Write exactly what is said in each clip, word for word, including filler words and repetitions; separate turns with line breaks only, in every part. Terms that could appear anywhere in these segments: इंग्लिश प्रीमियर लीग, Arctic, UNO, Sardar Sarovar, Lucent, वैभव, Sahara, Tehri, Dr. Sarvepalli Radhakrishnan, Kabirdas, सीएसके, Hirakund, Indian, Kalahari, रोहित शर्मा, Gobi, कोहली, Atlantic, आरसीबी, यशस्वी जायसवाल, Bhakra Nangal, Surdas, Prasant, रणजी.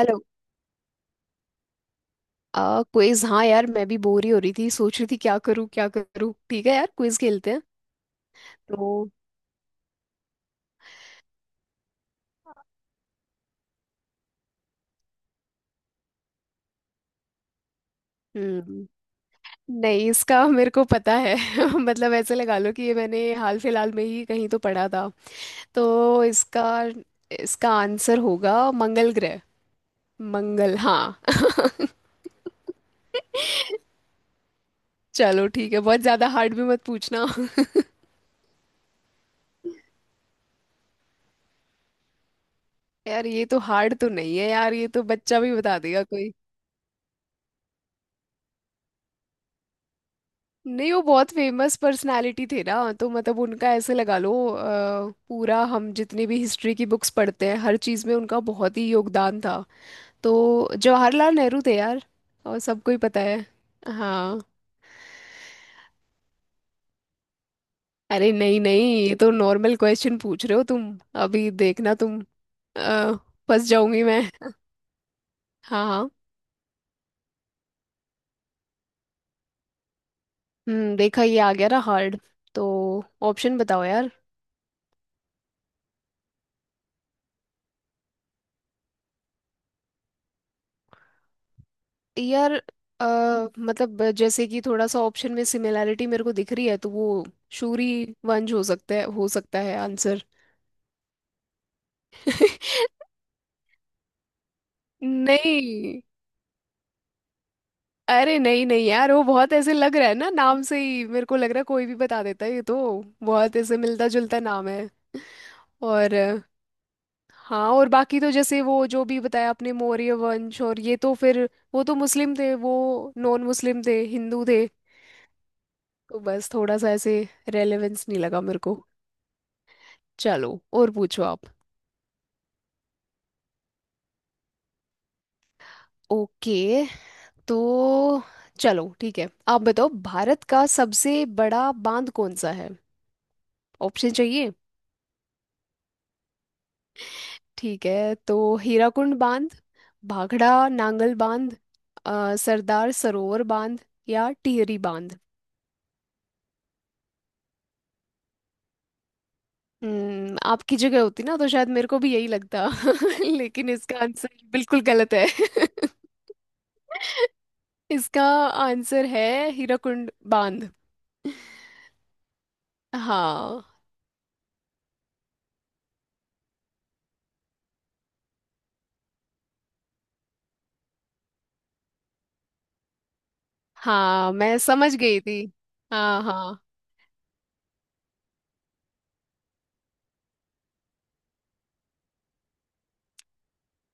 Hello. आ quiz. हाँ यार, मैं भी बोर ही हो रही थी, सोच रही थी क्या करूँ क्या करूँ। ठीक है यार, क्विज खेलते हैं। तो हम्म नहीं, इसका मेरे को पता है। मतलब ऐसे लगा लो कि ये मैंने हाल फिलहाल में ही कहीं तो पढ़ा था, तो इसका इसका आंसर होगा मंगल ग्रह। मंगल, हाँ। चलो ठीक है, बहुत ज्यादा हार्ड भी मत पूछना। यार ये तो हार्ड तो नहीं है यार, ये तो बच्चा भी बता देगा। नहीं, वो बहुत फेमस पर्सनालिटी थे ना, तो मतलब उनका ऐसे लगा लो अ, पूरा, हम जितनी भी हिस्ट्री की बुक्स पढ़ते हैं हर चीज़ में उनका बहुत ही योगदान था। तो जवाहरलाल नेहरू थे यार। और सबको ही पता है। हाँ। अरे नहीं नहीं, ये तो नॉर्मल क्वेश्चन पूछ रहे हो तुम। अभी देखना तुम। अ, फंस जाऊंगी मैं। हाँ हाँ। हम्म देखा ये आ गया ना हार्ड। तो ऑप्शन बताओ यार। यार अ, मतलब जैसे कि थोड़ा सा ऑप्शन में सिमिलैरिटी मेरे को दिख रही है, तो वो शूरी वंश हो सकता है, हो सकता है आंसर। नहीं। अरे नहीं नहीं यार, वो बहुत ऐसे लग रहा है ना, नाम से ही मेरे को लग रहा है कोई भी बता देता है ये तो। बहुत ऐसे मिलता जुलता नाम है। और अ, हाँ, और बाकी तो जैसे वो जो भी बताया आपने मौर्य वंश और ये तो फिर, वो तो मुस्लिम थे, वो नॉन मुस्लिम थे, हिंदू थे। तो बस थोड़ा सा ऐसे रेलेवेंस नहीं लगा मेरे को। चलो और पूछो आप। ओके। तो चलो ठीक है, आप बताओ भारत का सबसे बड़ा बांध कौन सा है? ऑप्शन चाहिए? ठीक है, तो हीराकुंड बांध, भाखड़ा नांगल बांध, अ, सरदार सरोवर बांध या टिहरी बांध। हम्म आपकी जगह होती ना तो शायद मेरे को भी यही लगता। लेकिन इसका आंसर बिल्कुल गलत है। इसका आंसर है हीराकुंड बांध। हाँ हाँ, मैं समझ गई थी। हाँ हाँ।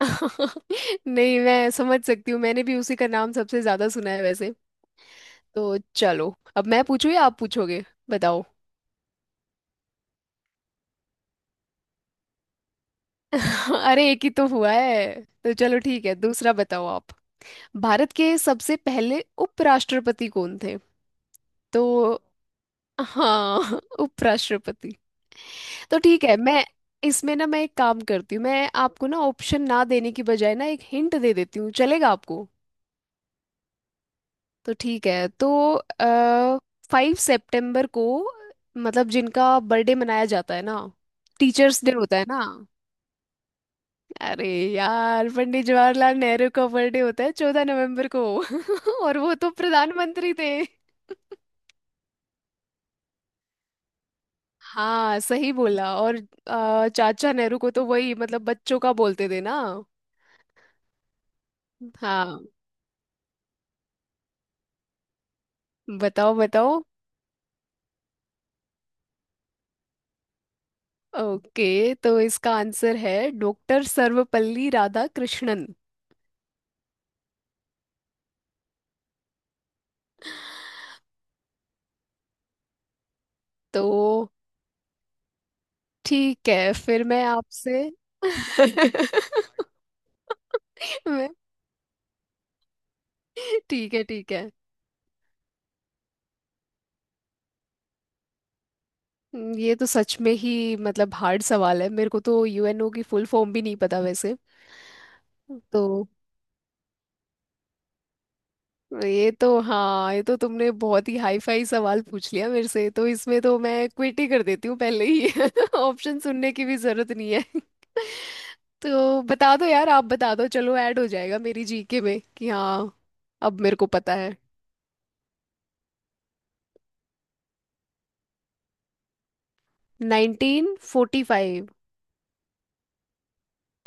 नहीं, मैं समझ सकती हूँ, मैंने भी उसी का नाम सबसे ज्यादा सुना है वैसे। तो चलो, अब मैं पूछूँ या आप पूछोगे? बताओ। अरे एक ही तो हुआ है, तो चलो ठीक है, दूसरा बताओ आप। भारत के सबसे पहले उपराष्ट्रपति कौन थे? तो हाँ। उपराष्ट्रपति। तो ठीक है मैं, इसमें ना मैं एक काम करती हूँ, मैं आपको ना ऑप्शन ना देने की बजाय ना एक हिंट दे देती हूँ, चलेगा आपको? तो ठीक है, तो आ, फाइव सितंबर को, मतलब जिनका बर्थडे मनाया जाता है ना, टीचर्स डे होता है ना। अरे यार, पंडित जवाहरलाल नेहरू का बर्थडे होता है चौदह नवंबर को। और वो तो प्रधानमंत्री थे। हाँ सही बोला। और अ, चाचा नेहरू को तो वही मतलब, बच्चों का बोलते थे ना। हाँ। बताओ बताओ। ओके, तो इसका आंसर है डॉक्टर सर्वपल्ली राधाकृष्णन। तो ठीक है फिर मैं आपसे। मैं ठीक है, ठीक है। हम्म, ये तो सच में ही मतलब हार्ड सवाल है, मेरे को तो यूएनओ की फुल फॉर्म भी नहीं पता वैसे। तो ये तो, हाँ ये तो तुमने बहुत ही हाई फाई सवाल पूछ लिया मेरे से, तो इसमें तो मैं क्विट ही कर देती हूँ पहले ही। ऑप्शन सुनने की भी जरूरत नहीं है। तो बता दो यार, आप बता दो, चलो ऐड हो जाएगा मेरी जीके में कि हाँ। अब मेरे को पता है, नाइनटीन फोर्टी फाइव।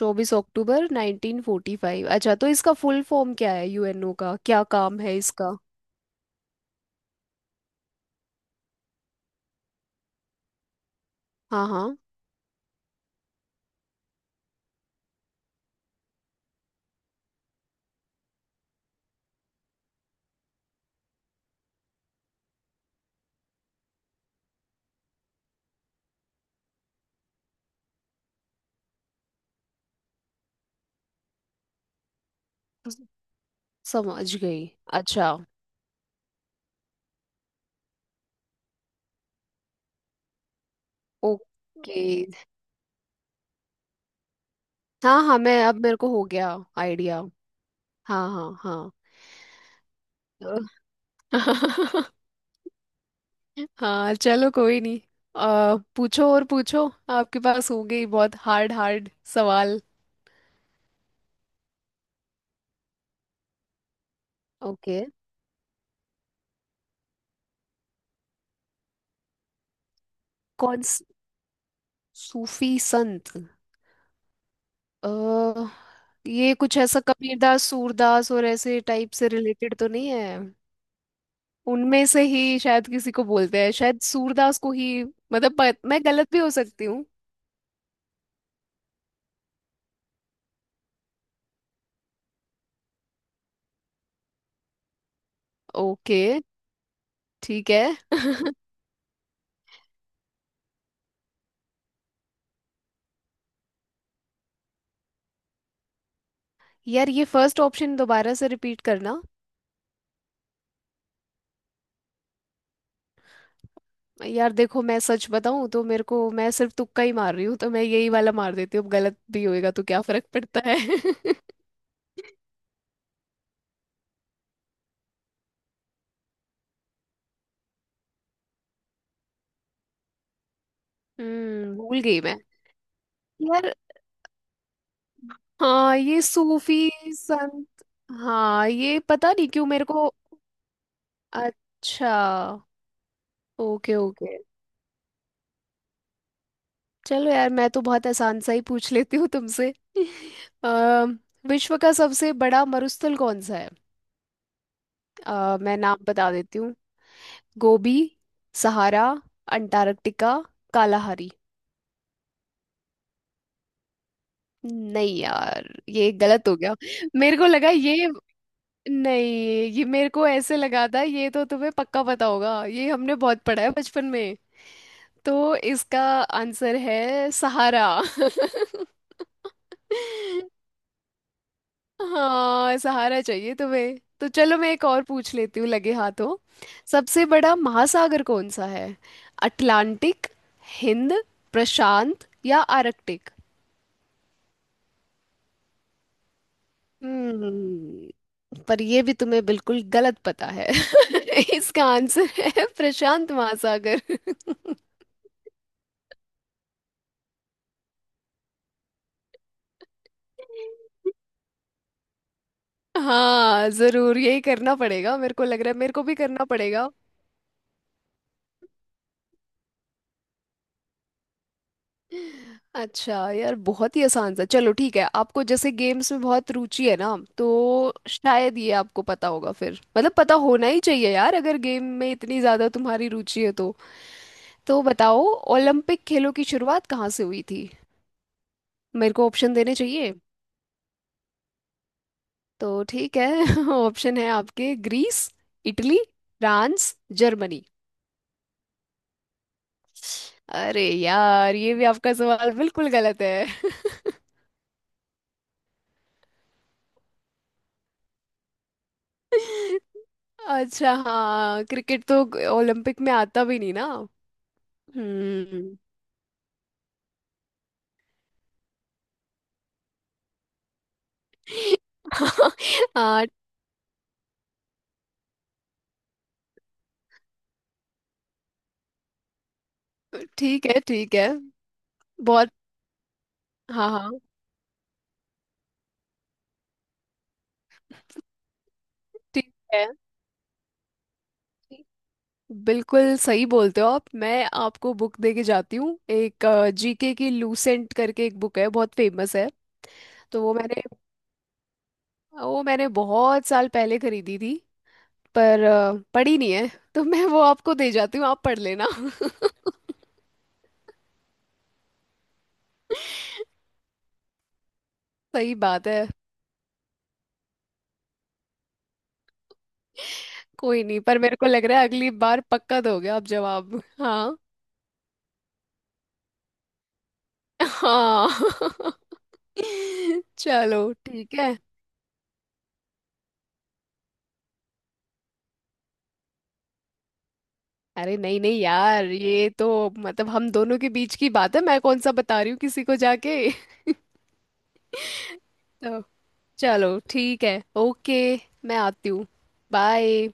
चौबीस अक्टूबर नाइनटीन फोर्टी फाइव। अच्छा, तो इसका फुल फॉर्म क्या है? यूएनओ का क्या काम है इसका? हाँ हाँ। स- समझ गई। अच्छा। ओके। हाँ हाँ, मैं अब मेरे को हो गया आइडिया। हाँ हाँ हाँ। तो- हाँ, चलो कोई नहीं। आ, पूछो और पूछो, आपके पास होंगे ही बहुत हार्ड हार्ड सवाल। ओके। कौन स- सूफी संत। अ, ये कुछ ऐसा कबीरदास सूरदास और ऐसे टाइप से रिलेटेड तो नहीं है? उनमें से ही शायद किसी को बोलते हैं, शायद सूरदास को ही, मतलब पत, मैं गलत भी हो सकती हूँ। ओके ठीक है। यार, ये फर्स्ट ऑप्शन दोबारा से रिपीट करना। यार देखो, मैं सच बताऊं तो मेरे को, मैं सिर्फ तुक्का ही मार रही हूँ, तो मैं यही वाला मार देती हूँ, अब गलत भी होएगा तो क्या फर्क पड़ता है। हम्म भूल गई मैं यार। हाँ, ये सूफी संत। हाँ, ये पता नहीं क्यों मेरे को। अच्छा। Okay okay. चलो यार, मैं तो बहुत आसान सा ही पूछ लेती हूँ तुमसे। अ, विश्व का सबसे बड़ा मरुस्थल कौन सा है? अ, मैं नाम बता देती हूँ। Gobi, Sahara, Antarctica, Kalahari. नहीं यार, ये गलत हो गया। मेरे को लगा ये, नहीं, ये मेरे को ऐसे लगा था ये तो तुम्हें पक्का पता होगा, ये हमने बहुत पढ़ा है बचपन में। तो इसका आंसर है सहारा। हाँ, सहारा चाहिए तुम्हें, तो चलो मैं एक और पूछ लेती हूँ लगे हाथों। सबसे बड़ा महासागर कौन सा है? अटलांटिक, हिंद, प्रशांत या आर्कटिक। हम्म पर ये भी तुम्हें बिल्कुल गलत पता है। इसका आंसर है प्रशांत महासागर। हाँ जरूर, यही करना पड़ेगा। मेरे को लग रहा है मेरे को भी करना पड़ेगा। अच्छा यार, बहुत ही आसान सा, चलो ठीक है। आपको जैसे गेम्स में बहुत रुचि है ना, तो शायद ये आपको पता होगा फिर, मतलब पता होना ही चाहिए यार, अगर गेम में इतनी ज्यादा तुम्हारी रुचि है तो तो बताओ ओलंपिक खेलों की शुरुआत कहाँ से हुई थी? मेरे को ऑप्शन देने चाहिए। तो ठीक है। ऑप्शन है आपके — ग्रीस, इटली, फ्रांस, जर्मनी। अरे यार, ये भी आपका सवाल बिल्कुल गलत है। अच्छा हाँ, क्रिकेट तो ओलंपिक में आता भी नहीं ना। हम्म। हाँ। ठीक है ठीक है। बहुत। हाँ हाँ। ठीक है। ठीक। बिल्कुल सही बोलते हो आप। मैं आपको बुक दे के जाती हूँ एक। जीके की लूसेंट करके एक बुक है, बहुत फेमस है। तो वो मैंने वो मैंने बहुत साल पहले खरीदी थी, पर अ, पढ़ी नहीं है। तो मैं वो आपको दे जाती हूँ, आप पढ़ लेना। सही बात है। कोई नहीं, पर मेरे को लग रहा है अगली बार पक्का दोगे आप जवाब। हाँ हाँ। चलो ठीक है। अरे नहीं नहीं यार, ये तो मतलब हम दोनों के बीच की बात है, मैं कौन सा बता रही हूँ किसी को जाके। तो चलो ठीक है, ओके। मैं आती हूँ। बाय।